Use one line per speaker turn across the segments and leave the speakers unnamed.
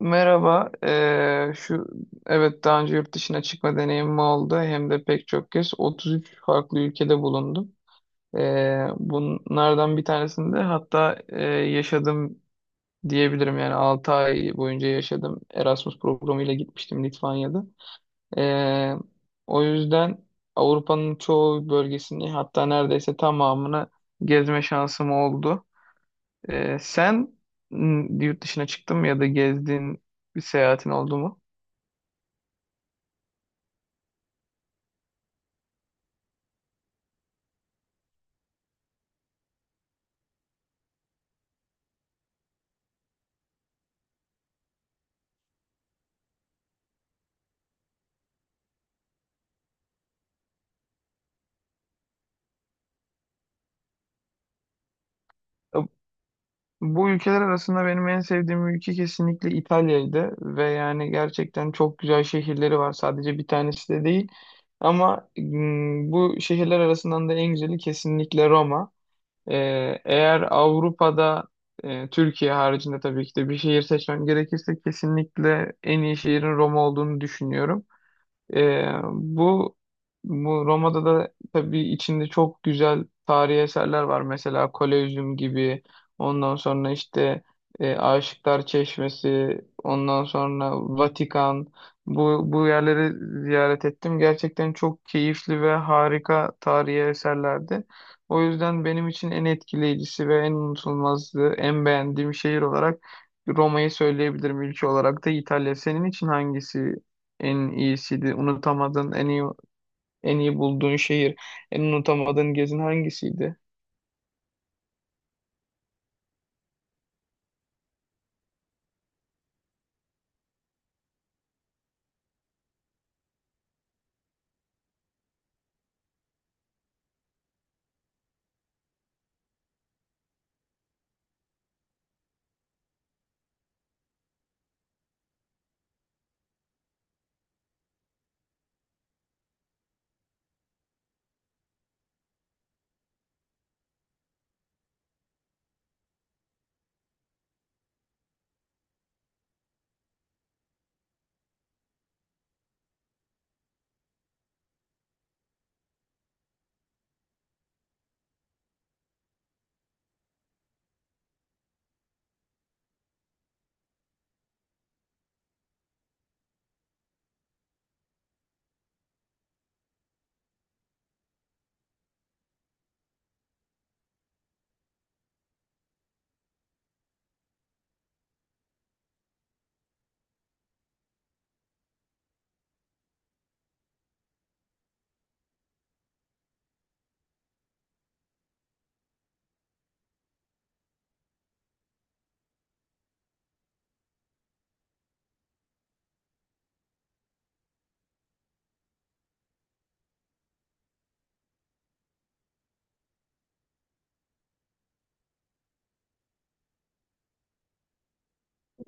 Merhaba. Şu Evet, daha önce yurt dışına çıkma deneyimim oldu. Hem de pek çok kez 33 farklı ülkede bulundum. Bunlardan bir tanesinde hatta yaşadım diyebilirim. Yani 6 ay boyunca yaşadım. Erasmus programıyla gitmiştim Litvanya'da. Eee, O yüzden Avrupa'nın çoğu bölgesini hatta neredeyse tamamını gezme şansım oldu. Sen yurt dışına çıktın mı ya da gezdiğin bir seyahatin oldu mu? Bu ülkeler arasında benim en sevdiğim ülke kesinlikle İtalya'ydı ve yani gerçekten çok güzel şehirleri var. Sadece bir tanesi de değil. Ama bu şehirler arasından da en güzeli kesinlikle Roma. Ee, Eğer Avrupa'da, Türkiye haricinde tabii ki de bir şehir seçmem gerekirse, kesinlikle en iyi şehrin Roma olduğunu düşünüyorum. Ee, bu bu Roma'da da tabii içinde çok güzel tarihi eserler var. Mesela Kolezyum gibi. Ondan sonra işte Aşıklar Çeşmesi, ondan sonra Vatikan. Bu yerleri ziyaret ettim. Gerçekten çok keyifli ve harika tarihi eserlerdi. O yüzden benim için en etkileyicisi ve en unutulmazdı, en beğendiğim şehir olarak Roma'yı söyleyebilirim. Ülke olarak da İtalya. Senin için hangisi en iyisiydi? Unutamadığın, en iyi bulduğun şehir, en unutamadığın gezin hangisiydi?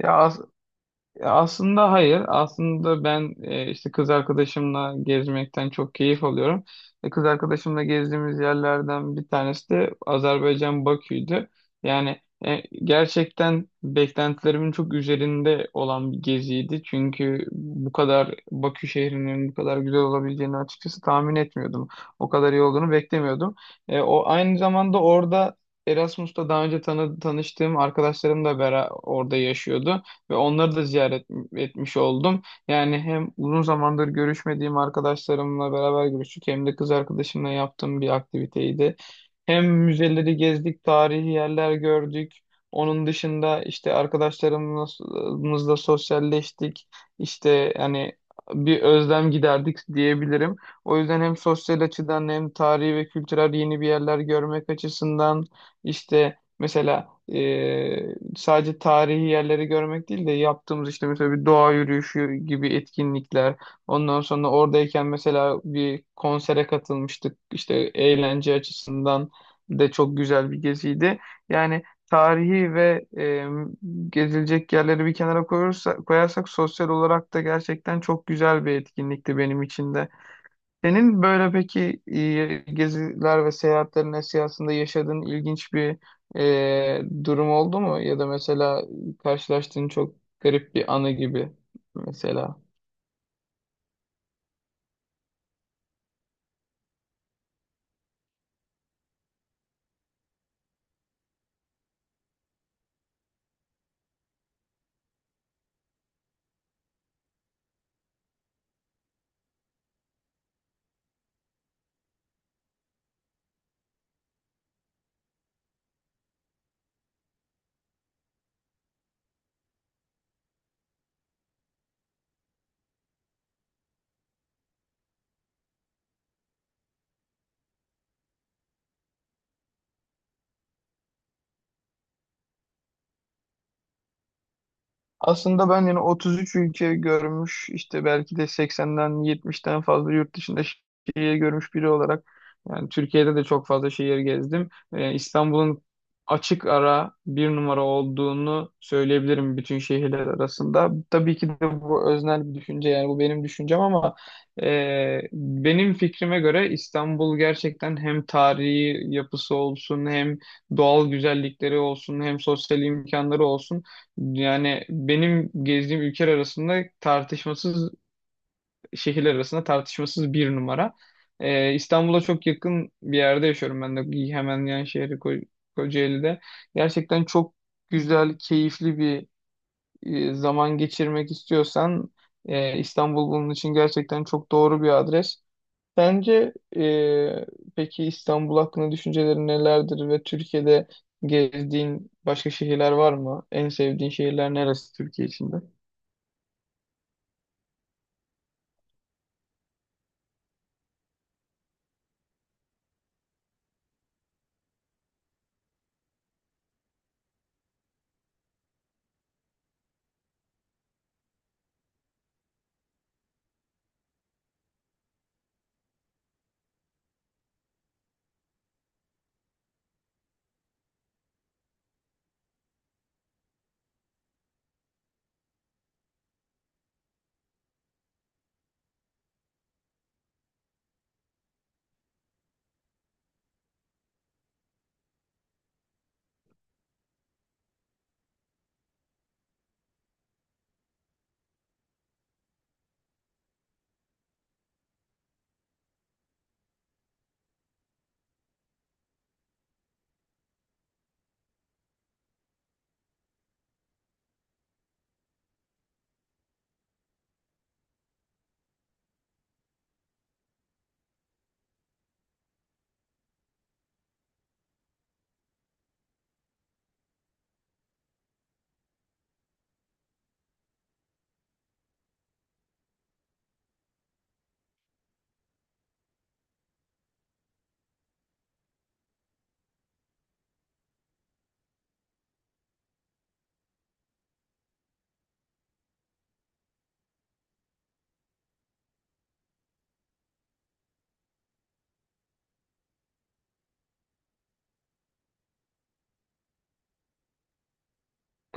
Ya Aslında hayır. Aslında ben, işte, kız arkadaşımla gezmekten çok keyif alıyorum. Kız arkadaşımla gezdiğimiz yerlerden bir tanesi de Azerbaycan Bakü'ydü. Yani gerçekten beklentilerimin çok üzerinde olan bir geziydi. Çünkü bu kadar Bakü şehrinin bu kadar güzel olabileceğini açıkçası tahmin etmiyordum. O kadar iyi olduğunu beklemiyordum. O aynı zamanda orada Erasmus'ta daha önce tanıştığım arkadaşlarım da bera orada yaşıyordu ve onları da ziyaret etmiş oldum. Yani hem uzun zamandır görüşmediğim arkadaşlarımla beraber görüştük, hem de kız arkadaşımla yaptığım bir aktiviteydi. Hem müzeleri gezdik, tarihi yerler gördük. Onun dışında işte arkadaşlarımızla sosyalleştik. İşte hani bir özlem giderdik diyebilirim. O yüzden hem sosyal açıdan hem tarihi ve kültürel yeni bir yerler görmek açısından, işte mesela, sadece tarihi yerleri görmek değil de yaptığımız işte mesela bir doğa yürüyüşü gibi etkinlikler. Ondan sonra oradayken mesela bir konsere katılmıştık. İşte eğlence açısından de çok güzel bir geziydi. Yani tarihi ve gezilecek yerleri bir kenara koyarsak sosyal olarak da gerçekten çok güzel bir etkinlikti benim için de. Senin böyle peki geziler ve seyahatlerin esnasında yaşadığın ilginç bir durum oldu mu? Ya da mesela karşılaştığın çok garip bir anı gibi mesela. Aslında ben yani 33 ülke görmüş, işte belki de 80'den 70'ten fazla yurt dışında şehir görmüş biri olarak, yani Türkiye'de de çok fazla şehir gezdim. İstanbul'un açık ara bir numara olduğunu söyleyebilirim bütün şehirler arasında. Tabii ki de bu öznel bir düşünce, yani bu benim düşüncem ama benim fikrime göre İstanbul gerçekten hem tarihi yapısı olsun, hem doğal güzellikleri olsun, hem sosyal imkanları olsun, yani benim gezdiğim ülkeler arasında tartışmasız şehirler arasında tartışmasız bir numara. İstanbul'a çok yakın bir yerde yaşıyorum ben de, hemen yan şehri Kocaeli'de. Gerçekten çok güzel, keyifli bir zaman geçirmek istiyorsan, İstanbul bunun için gerçekten çok doğru bir adres. Sence peki İstanbul hakkında düşüncelerin nelerdir ve Türkiye'de gezdiğin başka şehirler var mı? En sevdiğin şehirler neresi Türkiye içinde?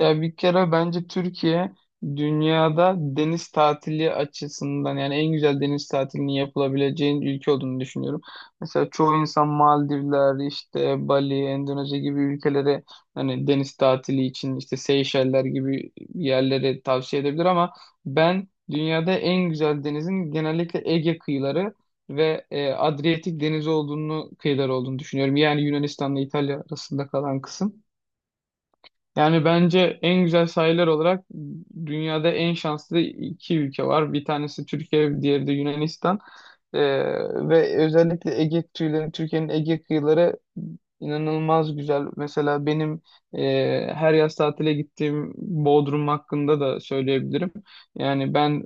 Ya, bir kere bence Türkiye dünyada deniz tatili açısından, yani en güzel deniz tatilinin yapılabileceğin ülke olduğunu düşünüyorum. Mesela çoğu insan Maldivler, işte Bali, Endonezya gibi ülkelere, hani deniz tatili için işte Seyşeller gibi yerlere tavsiye edebilir ama ben dünyada en güzel denizin genellikle Ege kıyıları ve Adriyatik denizi olduğunu kıyıları olduğunu düşünüyorum. Yani Yunanistan'la İtalya arasında kalan kısım. Yani bence en güzel sahiller olarak dünyada en şanslı iki ülke var. Bir tanesi Türkiye, diğeri de Yunanistan. Ee, Ve özellikle Ege kıyıları, Türkiye'nin Ege kıyıları inanılmaz güzel. Mesela benim her yaz tatile gittiğim Bodrum hakkında da söyleyebilirim. Yani ben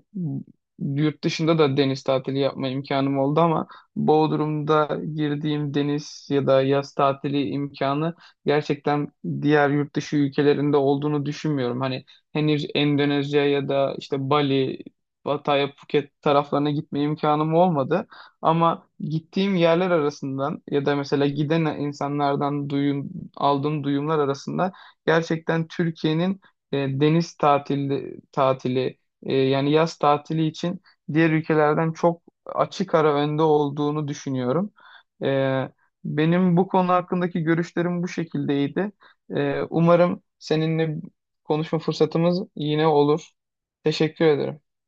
yurt dışında da deniz tatili yapma imkanım oldu ama Bodrum'da girdiğim deniz ya da yaz tatili imkanı gerçekten diğer yurt dışı ülkelerinde olduğunu düşünmüyorum. Hani henüz Endonezya ya da işte Bali, Pattaya, Phuket taraflarına gitme imkanım olmadı. Ama gittiğim yerler arasından ya da mesela giden insanlardan aldığım duyumlar arasında gerçekten Türkiye'nin tatili yani yaz tatili için diğer ülkelerden çok açık ara önde olduğunu düşünüyorum. E, Benim bu konu hakkındaki görüşlerim bu şekildeydi. Umarım seninle konuşma fırsatımız yine olur. Teşekkür ederim.